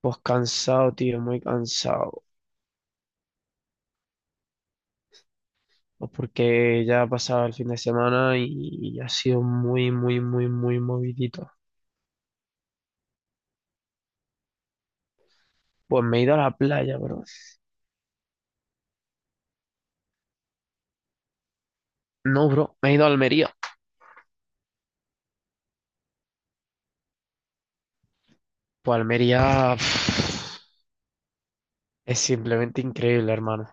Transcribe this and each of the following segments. Pues cansado, tío, muy cansado. Pues porque ya ha pasado el fin de semana y ha sido muy, muy, muy, muy movidito. Pues me he ido a la playa, bro. No, bro, me he ido a Almería. Pues Almería, pff, es simplemente increíble, hermano.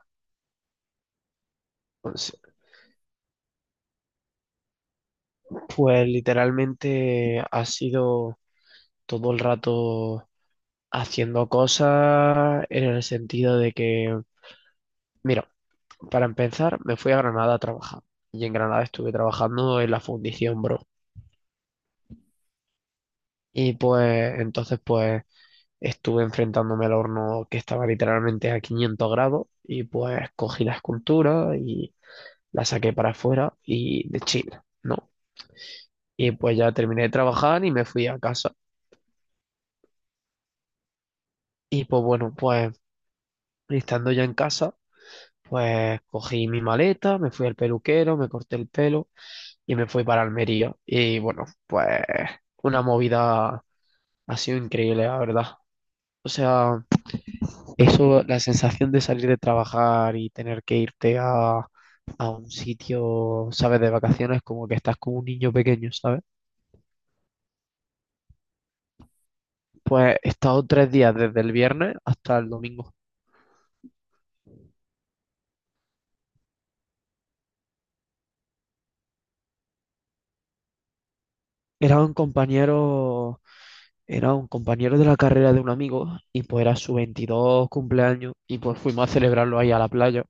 Pues, pues literalmente ha sido todo el rato haciendo cosas en el sentido de que, mira, para empezar, me fui a Granada a trabajar. Y en Granada estuve trabajando en la fundición, bro. Y pues entonces pues estuve enfrentándome al horno que estaba literalmente a 500 grados y pues cogí la escultura y la saqué para afuera y de China, ¿no? Y pues ya terminé de trabajar y me fui a casa. Y pues bueno, pues estando ya en casa, pues cogí mi maleta, me fui al peluquero, me corté el pelo y me fui para Almería. Y bueno, pues una movida, ha sido increíble, la verdad. O sea… Eso, la sensación de salir de trabajar y tener que irte a un sitio, ¿sabes? De vacaciones, como que estás como un niño pequeño, ¿sabes? Pues he estado 3 días desde el viernes hasta el domingo. Era un compañero, era un compañero de la carrera de un amigo y pues era su 22 cumpleaños y pues fuimos a celebrarlo ahí a la playa.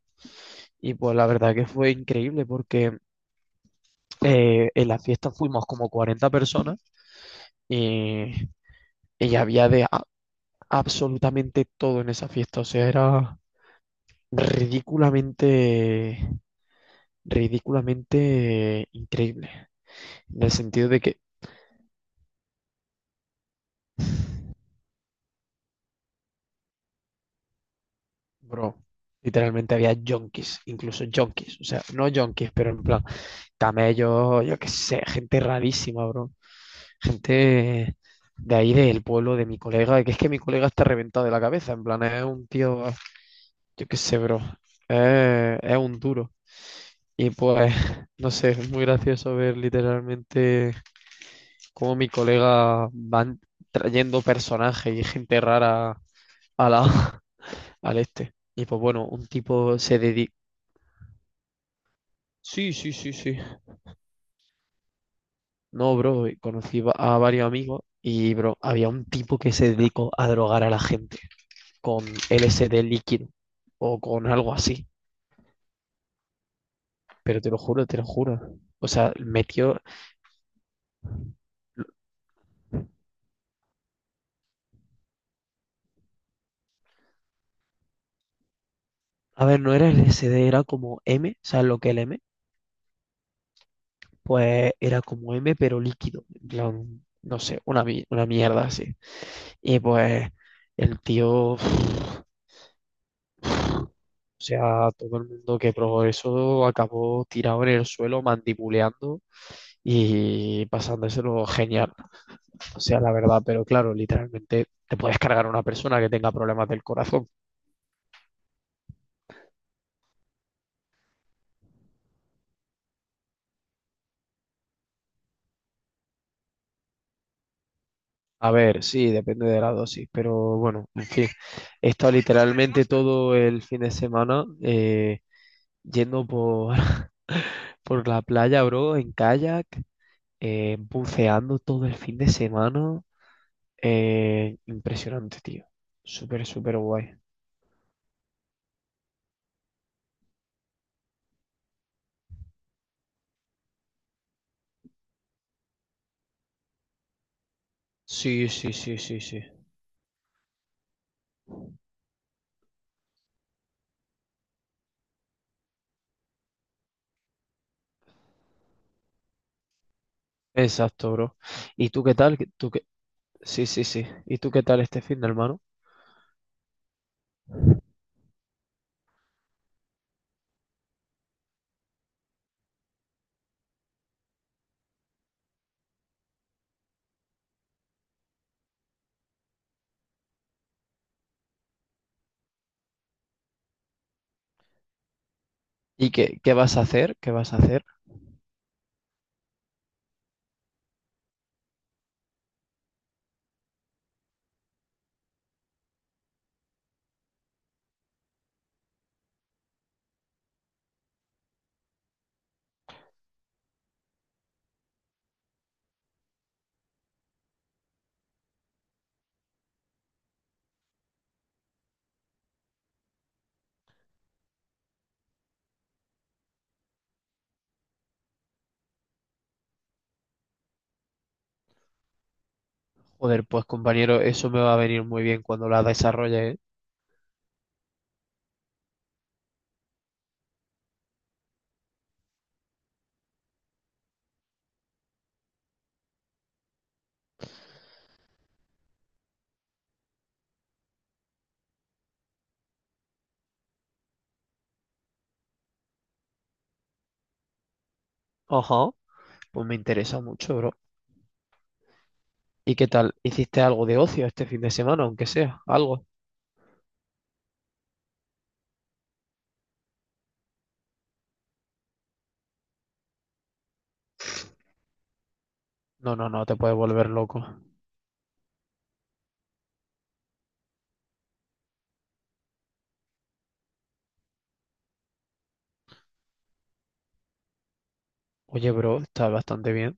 Y pues la verdad que fue increíble porque en la fiesta fuimos como 40 personas y, y había de, absolutamente todo en esa fiesta. O sea, era ridículamente, ridículamente increíble. En el sentido de que, bro, literalmente había junkies, incluso junkies. O sea, no junkies, pero en plan, camellos, yo qué sé, gente rarísima, bro. Gente de ahí del pueblo de mi colega, que es que mi colega está reventado de la cabeza, en plan, es un tío, yo qué sé, bro. Es un duro. Y pues, no sé, es muy gracioso ver literalmente cómo mi colega van trayendo personajes y gente rara a la, al este. Y pues bueno, un tipo se dedica… Sí, sí, sí, sí. No, bro, conocí a varios amigos y, bro, había un tipo que se dedicó a drogar a la gente con LSD líquido o con algo así. Pero te lo juro, te lo juro. O sea, metió… A ver, no era LSD, era como M, ¿sabes lo que es el M? Pues era como M, pero líquido. En plan, no sé, una, una mierda así. Y pues el tío, o sea, todo el mundo que probó eso acabó tirado en el suelo, mandibuleando y pasándoselo genial. O sea, la verdad, pero claro, literalmente te puedes cargar a una persona que tenga problemas del corazón. A ver, sí, depende de la dosis, pero bueno, en fin. He estado literalmente todo el fin de semana yendo por, por la playa, bro, en kayak, buceando todo el fin de semana. Impresionante, tío. Súper, súper guay. Sí, sí, sí, sí, sí. Exacto, bro. ¿Y tú qué tal? ¿Tú qué Sí, sí, sí. ¿Y tú qué tal este fin de, hermano? ¿Y qué, qué vas a hacer? ¿Qué vas a hacer? Joder, pues compañero, eso me va a venir muy bien cuando la desarrolle, ¿eh? Ajá. Pues me interesa mucho, bro. ¿Y qué tal? ¿Hiciste algo de ocio este fin de semana, aunque sea? ¿Algo? No, no, no, te puedes volver loco. Oye, bro, está bastante bien.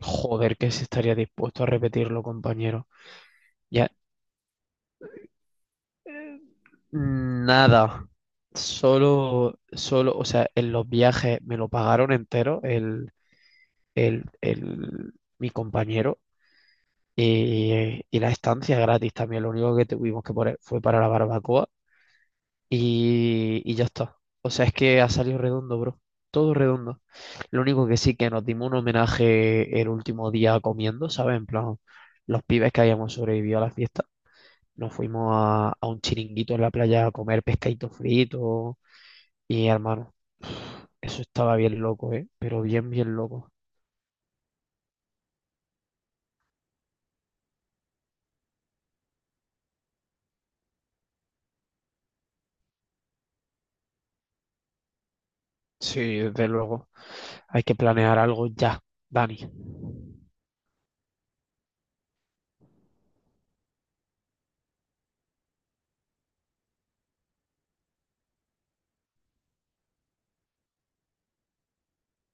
Joder, que si estaría dispuesto a repetirlo, compañero. Ya, eh, nada. Solo, solo, o sea, en los viajes me lo pagaron entero, el, el- mi compañero y la estancia gratis también. Lo único que tuvimos que poner fue para la barbacoa y ya está. O sea, es que ha salido redondo, bro. Todo redondo. Lo único que sí que nos dimos un homenaje el último día comiendo, ¿sabes? En plan, los pibes que habíamos sobrevivido a la fiesta. Nos fuimos a un chiringuito en la playa a comer pescadito frito y, hermano, eso estaba bien loco, ¿eh? Pero bien, bien loco. Sí, desde luego. Hay que planear algo ya, Dani.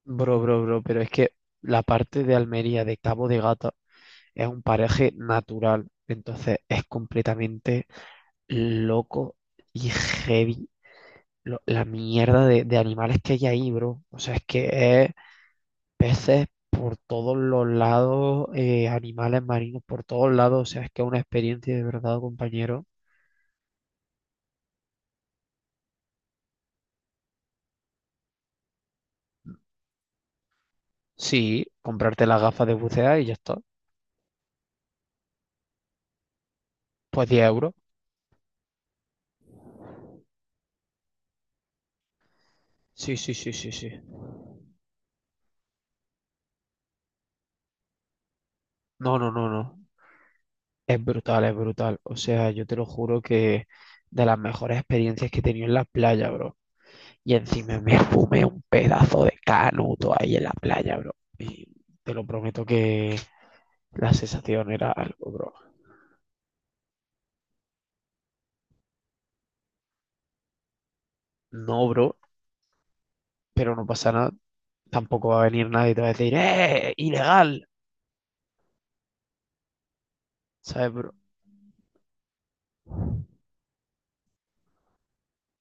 Bro, pero es que la parte de Almería de Cabo de Gata es un paraje natural, entonces es completamente loco y heavy la mierda de animales que hay ahí, bro. O sea, es que es peces por todos los lados, animales marinos por todos lados, o sea, es que es una experiencia de verdad, compañero. Sí, comprarte las gafas de bucea y ya está. Pues 10 euros. Sí, sí, sí, sí, sí. No, no, no, no. Es brutal, es brutal. O sea, yo te lo juro que de las mejores experiencias que he tenido en la playa, bro. Y encima me fumé un pedazo de canuto ahí en la playa, bro. Y te lo prometo que la sensación era algo, bro. No, bro, pero no pasa nada. Tampoco va a venir nadie y te va a decir, ¡eh, ilegal! ¿Sabes, bro?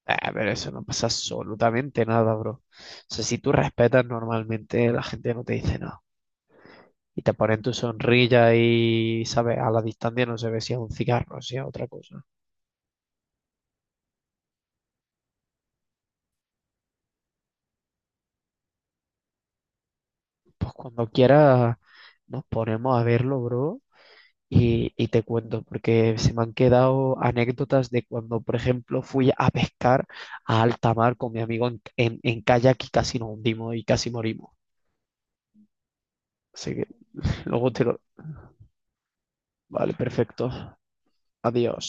Ah, pero eso no pasa absolutamente nada, bro. O sea, si tú respetas normalmente, la gente no te dice nada. Y te ponen tu sonrilla y, ¿sabes? A la distancia no se ve si es un cigarro, si es otra cosa. Pues cuando quieras nos ponemos a verlo, bro, y te cuento, porque se me han quedado anécdotas de cuando, por ejemplo, fui a pescar a alta mar con mi amigo en, en kayak y casi nos hundimos y casi morimos. Así que luego te lo… Vale, perfecto. Adiós.